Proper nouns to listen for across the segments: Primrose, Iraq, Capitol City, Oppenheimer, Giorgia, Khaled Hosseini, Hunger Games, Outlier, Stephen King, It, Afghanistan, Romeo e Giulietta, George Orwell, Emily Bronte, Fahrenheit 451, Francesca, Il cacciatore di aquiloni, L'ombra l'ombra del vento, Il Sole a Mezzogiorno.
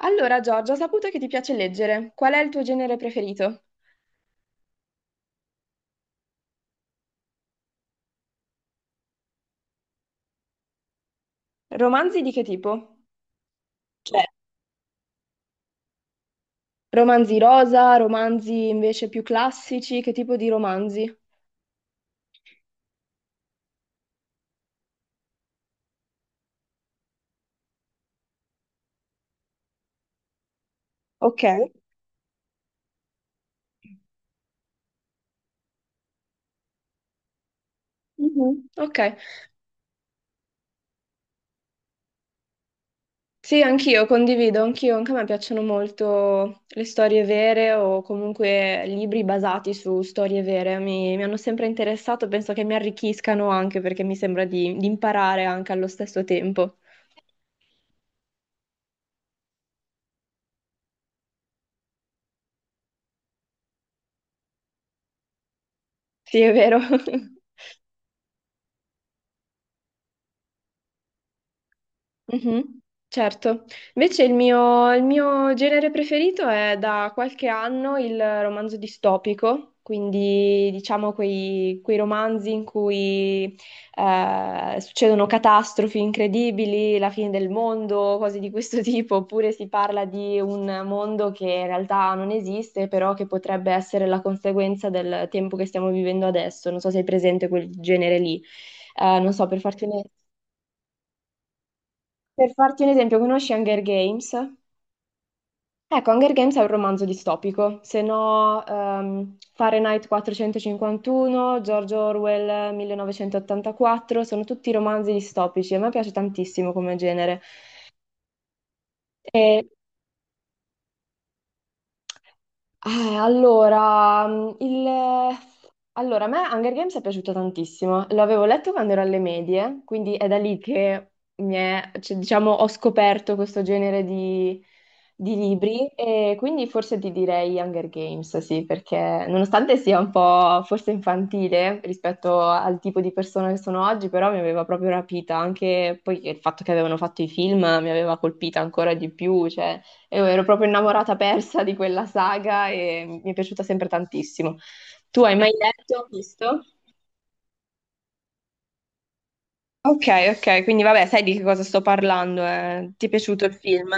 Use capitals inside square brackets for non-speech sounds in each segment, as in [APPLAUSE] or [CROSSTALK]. Allora, Giorgia, ho saputo che ti piace leggere. Qual è il tuo genere preferito? Romanzi di che tipo? Cioè, romanzi rosa, romanzi invece più classici, che tipo di romanzi? Ok. Mhm. Ok, sì, anch'io condivido, anch'io, anche a me piacciono molto le storie vere o comunque libri basati su storie vere, mi hanno sempre interessato, penso che mi arricchiscano anche perché mi sembra di imparare anche allo stesso tempo. Sì, è vero. [LAUGHS] Mhm, certo. Invece il mio genere preferito è da qualche anno il romanzo distopico, quindi diciamo quei romanzi in cui succedono catastrofi incredibili, la fine del mondo, cose di questo [LAUGHS] tipo, oppure si parla di un mondo che in realtà non esiste, però che potrebbe essere la conseguenza del tempo che stiamo vivendo adesso. Non so se hai presente quel genere lì. Non so, per farti un'idea. Per farti un esempio, conosci Hunger Games? Ecco, Hunger Games è un romanzo distopico, se no Fahrenheit 451, George Orwell 1984, sono tutti romanzi distopici, a me piace tantissimo come genere. E Eh, allora, mm, il... allora, a me Hunger Games è piaciuto tantissimo, l'avevo letto quando ero alle medie, quindi è da lì che cioè, diciamo, ho scoperto questo genere di libri e quindi forse ti direi Hunger Games, sì, perché nonostante sia un po' forse infantile rispetto al tipo di persona che sono oggi, però mi aveva proprio rapita, anche poi il fatto che avevano fatto i film mi aveva colpita ancora di più, cioè... E ero proprio innamorata persa di quella saga e mi è piaciuta sempre tantissimo. Tu hai mai letto, visto? Ok, ok, quindi vabbè, sai di che cosa sto parlando, eh. Ti è piaciuto il film?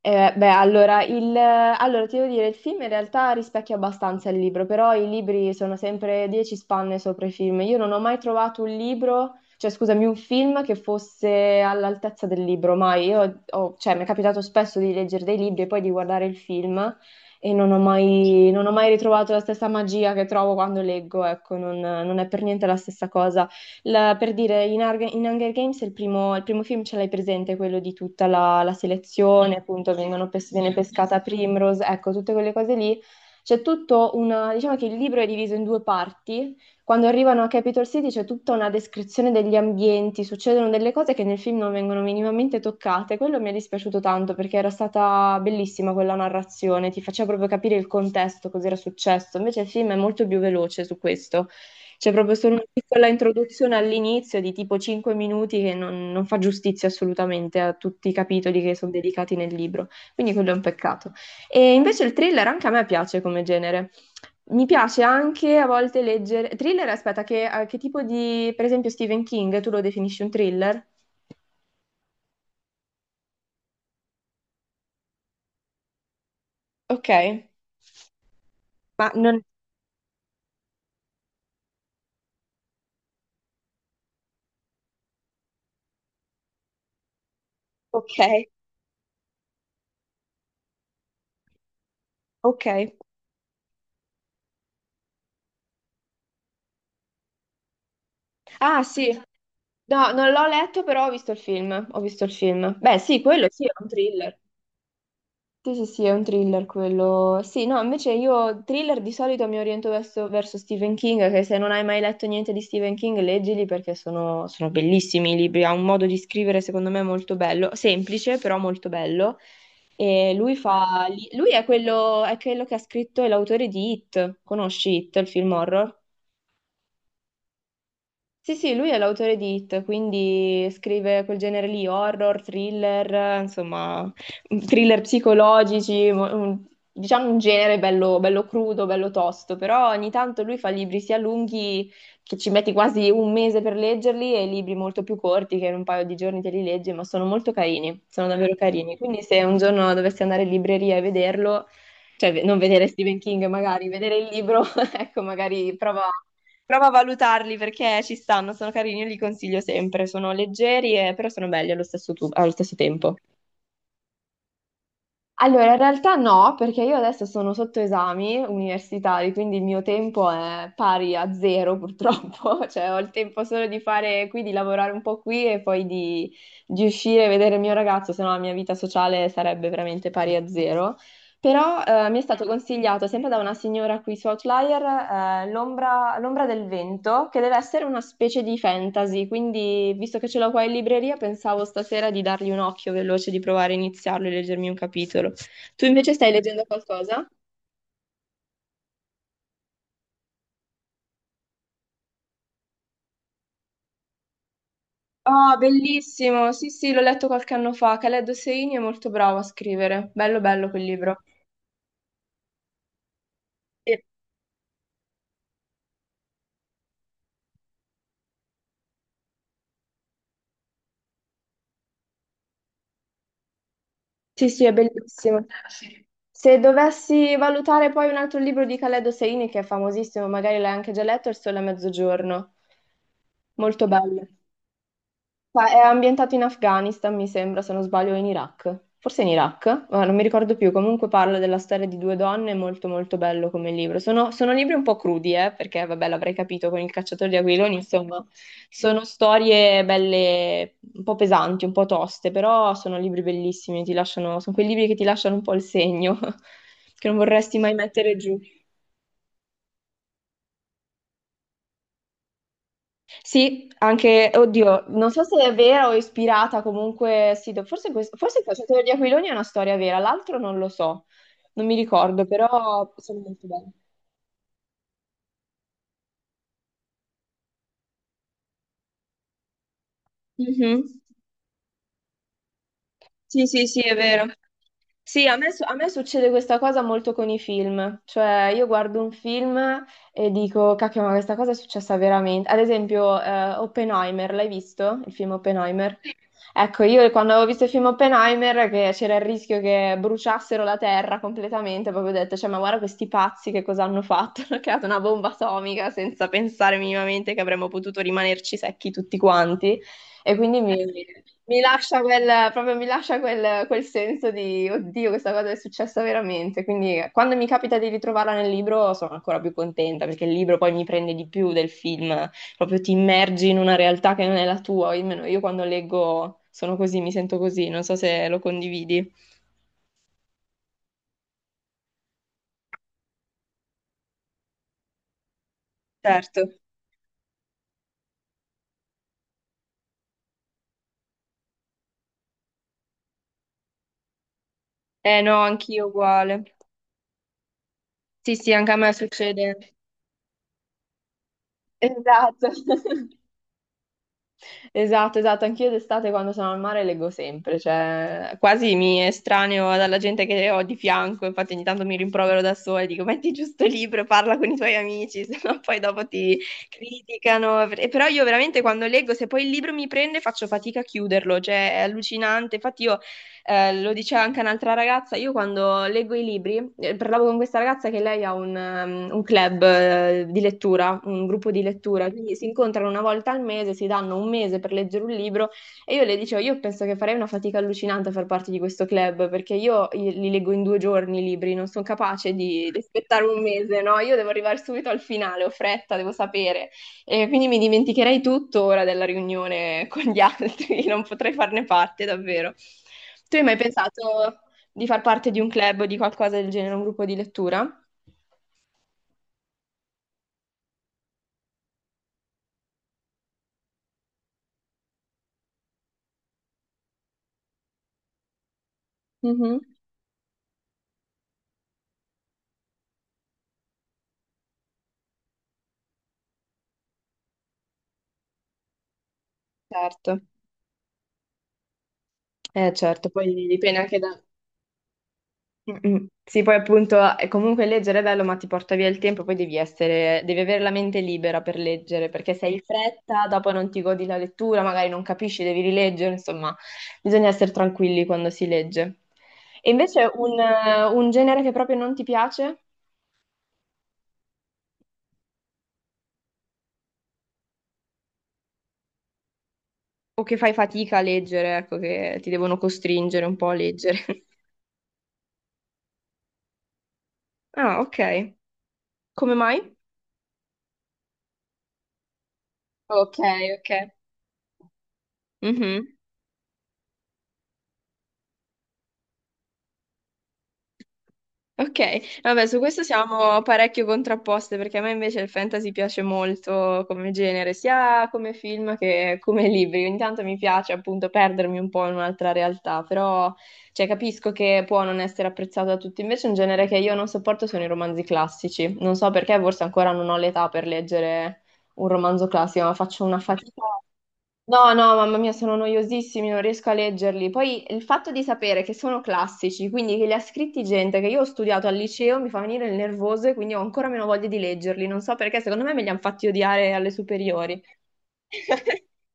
Beh, allora, ti devo dire, il film in realtà rispecchia abbastanza il libro, però i libri sono sempre 10 spanne sopra i film. Io non ho mai trovato un libro, cioè scusami, un film che fosse all'altezza del libro, mai. Cioè, mi è capitato spesso di leggere dei libri e poi di guardare il film e non ho mai ritrovato la stessa magia che trovo quando leggo, ecco, non è per niente la stessa cosa. Per dire, in Hunger Games il primo film ce l'hai presente, quello di tutta la selezione, appunto, viene pescata Primrose, ecco, tutte quelle cose lì. C'è tutto una, diciamo che il libro è diviso in due parti. Quando arrivano a Capitol City c'è tutta una descrizione degli ambienti, succedono delle cose che nel film non vengono minimamente toccate. Quello mi è dispiaciuto tanto perché era stata bellissima quella narrazione, ti faceva proprio capire il contesto, cos'era successo. Invece il film è molto più veloce su questo. C'è proprio solo una piccola introduzione all'inizio di tipo 5 minuti che non fa giustizia assolutamente a tutti i capitoli che sono dedicati nel libro, quindi quello è un peccato. E invece il thriller anche a me piace come genere. Mi piace anche a volte leggere... Thriller, aspetta, a che tipo di... Per esempio Stephen King, tu lo definisci un thriller? Ok, ma non... Ok, ok. Ah sì, no, non l'ho letto però ho visto il film, ho visto il film. Beh sì, quello sì, è un thriller. Sì, sì, sì, è un thriller quello. Sì, no, invece io thriller di solito mi oriento verso Stephen King, che se non hai mai letto niente di Stephen King, leggili perché sono bellissimi i libri, ha un modo di scrivere secondo me molto bello, semplice però molto bello. E lui è quello che ha scritto, è l'autore di It, conosci It, il film horror? Sì, sì, lui è l'autore di It, quindi scrive quel genere lì, horror, thriller, insomma, thriller psicologici, diciamo un genere bello, bello crudo, bello tosto, però ogni tanto lui fa libri sia lunghi che ci metti quasi un mese per leggerli e libri molto più corti che in un paio di giorni te li leggi, ma sono molto carini, sono davvero carini. Quindi se un giorno dovessi andare in libreria e vederlo, non vedere Stephen King magari, vedere il libro, [LAUGHS] ecco, magari prova prova a valutarli perché ci stanno, sono carini, io li consiglio sempre, sono leggeri e però sono belli allo stesso, allo stesso tempo. Allora, in realtà no, perché io adesso sono sotto esami universitari, quindi il mio tempo è pari a zero purtroppo, [LAUGHS] cioè ho il tempo solo di fare qui, di lavorare un po' qui e poi di uscire e vedere il mio ragazzo, se no la mia vita sociale sarebbe veramente pari a zero. Però mi è stato consigliato sempre da una signora qui su Outlier l'ombra del vento, che deve essere una specie di fantasy, quindi visto che ce l'ho qua in libreria pensavo stasera di dargli un occhio veloce, di provare a iniziarlo e leggermi un capitolo. Tu invece stai leggendo qualcosa? Ah, bellissimo! Sì, sì, l'ho letto qualche anno fa. Khaled Hosseini è molto bravo a scrivere. Bello, bello quel libro. Sì. Sì, sì, è bellissimo. Se dovessi valutare poi un altro libro di Khaled Hosseini, che è famosissimo, magari l'hai anche già letto, è Il Sole a Mezzogiorno. Molto bello. Ma è ambientato in Afghanistan, mi sembra, se non sbaglio, o in Iraq. Forse in Iraq, ma non mi ricordo più. Comunque parla della storia di due donne, è molto molto bello come libro. Sono libri un po' crudi, perché vabbè, l'avrei capito con Il cacciatore di aquiloni, insomma, sono storie belle, un po' pesanti, un po' toste, però sono libri bellissimi, ti lasciano, sono quei libri che ti lasciano un po' il segno, [LAUGHS] che non vorresti mai mettere giù. Sì, anche, oddio, non so se è vera o ispirata comunque, sì, forse il cacciatore di aquiloni è una storia vera, l'altro non lo so, non mi ricordo, però sono molto belle. Mhm. Sì, sì, sì, è vero. Sì, a me succede questa cosa molto con i film, cioè io guardo un film e dico, cacchio, ma questa cosa è successa veramente. Ad esempio, Oppenheimer, l'hai visto? Il film Oppenheimer? Sì. Ecco, io quando avevo visto il film Oppenheimer, che c'era il rischio che bruciassero la Terra completamente, proprio ho detto, cioè, ma guarda questi pazzi che cosa hanno fatto? [LAUGHS] Hanno creato una bomba atomica senza pensare minimamente che avremmo potuto rimanerci secchi tutti quanti. E mi lascia quel, proprio mi lascia quel senso di, oddio, questa cosa è successa veramente. Quindi quando mi capita di ritrovarla nel libro sono ancora più contenta perché il libro poi mi prende di più del film, proprio ti immergi in una realtà che non è la tua, almeno io quando leggo sono così, mi sento così, non so se lo condividi. Certo. Eh no, anch'io uguale. Sì, sì, anche a me succede. Esatto. [LAUGHS] Esatto, esatto, anch'io d'estate quando sono al mare leggo sempre, cioè quasi mi estraneo dalla gente che ho di fianco, infatti ogni tanto mi rimprovero da sola e dico metti giusto il libro e parla con i tuoi amici, [LAUGHS] sennò poi dopo ti criticano. E però io veramente quando leggo, se poi il libro mi prende faccio fatica a chiuderlo, cioè è allucinante, infatti io lo diceva anche un'altra ragazza, io quando leggo i libri, parlavo con questa ragazza che lei ha un club di lettura, un gruppo di lettura, quindi si incontrano una volta al mese, si danno un mese per leggere un libro e io le dicevo, io penso che farei una fatica allucinante a far parte di questo club perché io li leggo in due giorni i libri, non sono capace di aspettare un mese, no? Io devo arrivare subito al finale, ho fretta, devo sapere. E quindi mi dimenticherei tutto ora della riunione con gli altri, [LAUGHS] non potrei farne parte davvero. Tu hai mai pensato di far parte di un club o di qualcosa del genere, un gruppo di lettura? Mhm. Certo, certo, poi dipende anche da... Mm, mm. Sì, poi appunto è comunque leggere è bello, ma ti porta via il tempo, poi devi avere la mente libera per leggere, perché se hai fretta, dopo non ti godi la lettura, magari non capisci, devi rileggere, insomma, bisogna essere tranquilli quando si legge. E invece un genere che proprio non ti piace o che fai fatica a leggere, ecco, che ti devono costringere un po' a leggere. [LAUGHS] Ah, ok. Come mai? Ok, ok. Mhm. Ok, vabbè, su questo siamo parecchio contrapposte perché a me invece il fantasy piace molto come genere, sia come film che come libri. Ogni tanto mi piace appunto perdermi un po' in un'altra realtà, però cioè, capisco che può non essere apprezzato da tutti. Invece un genere che io non sopporto sono i romanzi classici. Non so perché, forse ancora non ho l'età per leggere un romanzo classico, ma faccio una fatica. No, no, mamma mia, sono noiosissimi, non riesco a leggerli. Poi il fatto di sapere che sono classici, quindi che li ha scritti gente che io ho studiato al liceo, mi fa venire il nervoso e quindi ho ancora meno voglia di leggerli. Non so perché, secondo me me li hanno fatti odiare alle superiori. [LAUGHS]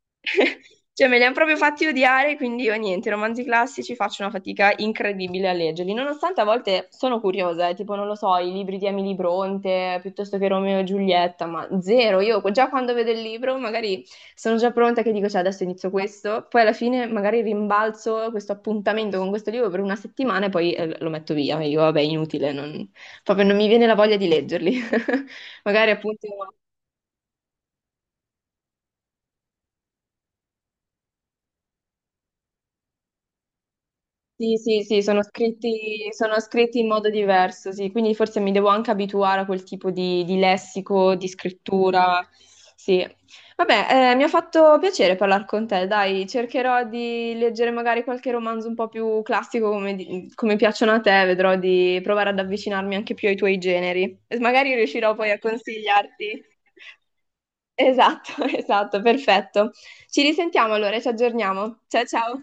Cioè, me li hanno proprio fatti odiare, quindi io niente, i romanzi classici faccio una fatica incredibile a leggerli, nonostante a volte sono curiosa, tipo, non lo so, i libri di Emily Bronte, piuttosto che Romeo e Giulietta, ma zero, io già quando vedo il libro magari sono già pronta che dico, cioè, adesso inizio questo, poi alla fine magari rimbalzo questo appuntamento con questo libro per una settimana e poi lo metto via, e io, vabbè, inutile, proprio non mi viene la voglia di leggerli. [LAUGHS] Magari appunto Sì, sì, sì, sono scritti in modo diverso, sì, quindi forse mi devo anche abituare a quel tipo di lessico, di scrittura, sì. Vabbè, mi ha fatto piacere parlare con te, dai, cercherò di leggere magari qualche romanzo un po' più classico come piacciono a te, vedrò di provare ad avvicinarmi anche più ai tuoi generi e magari riuscirò poi a consigliarti. [LAUGHS] Esatto, [LAUGHS] esatto, perfetto. Ci risentiamo allora, e ci aggiorniamo. Ciao, ciao.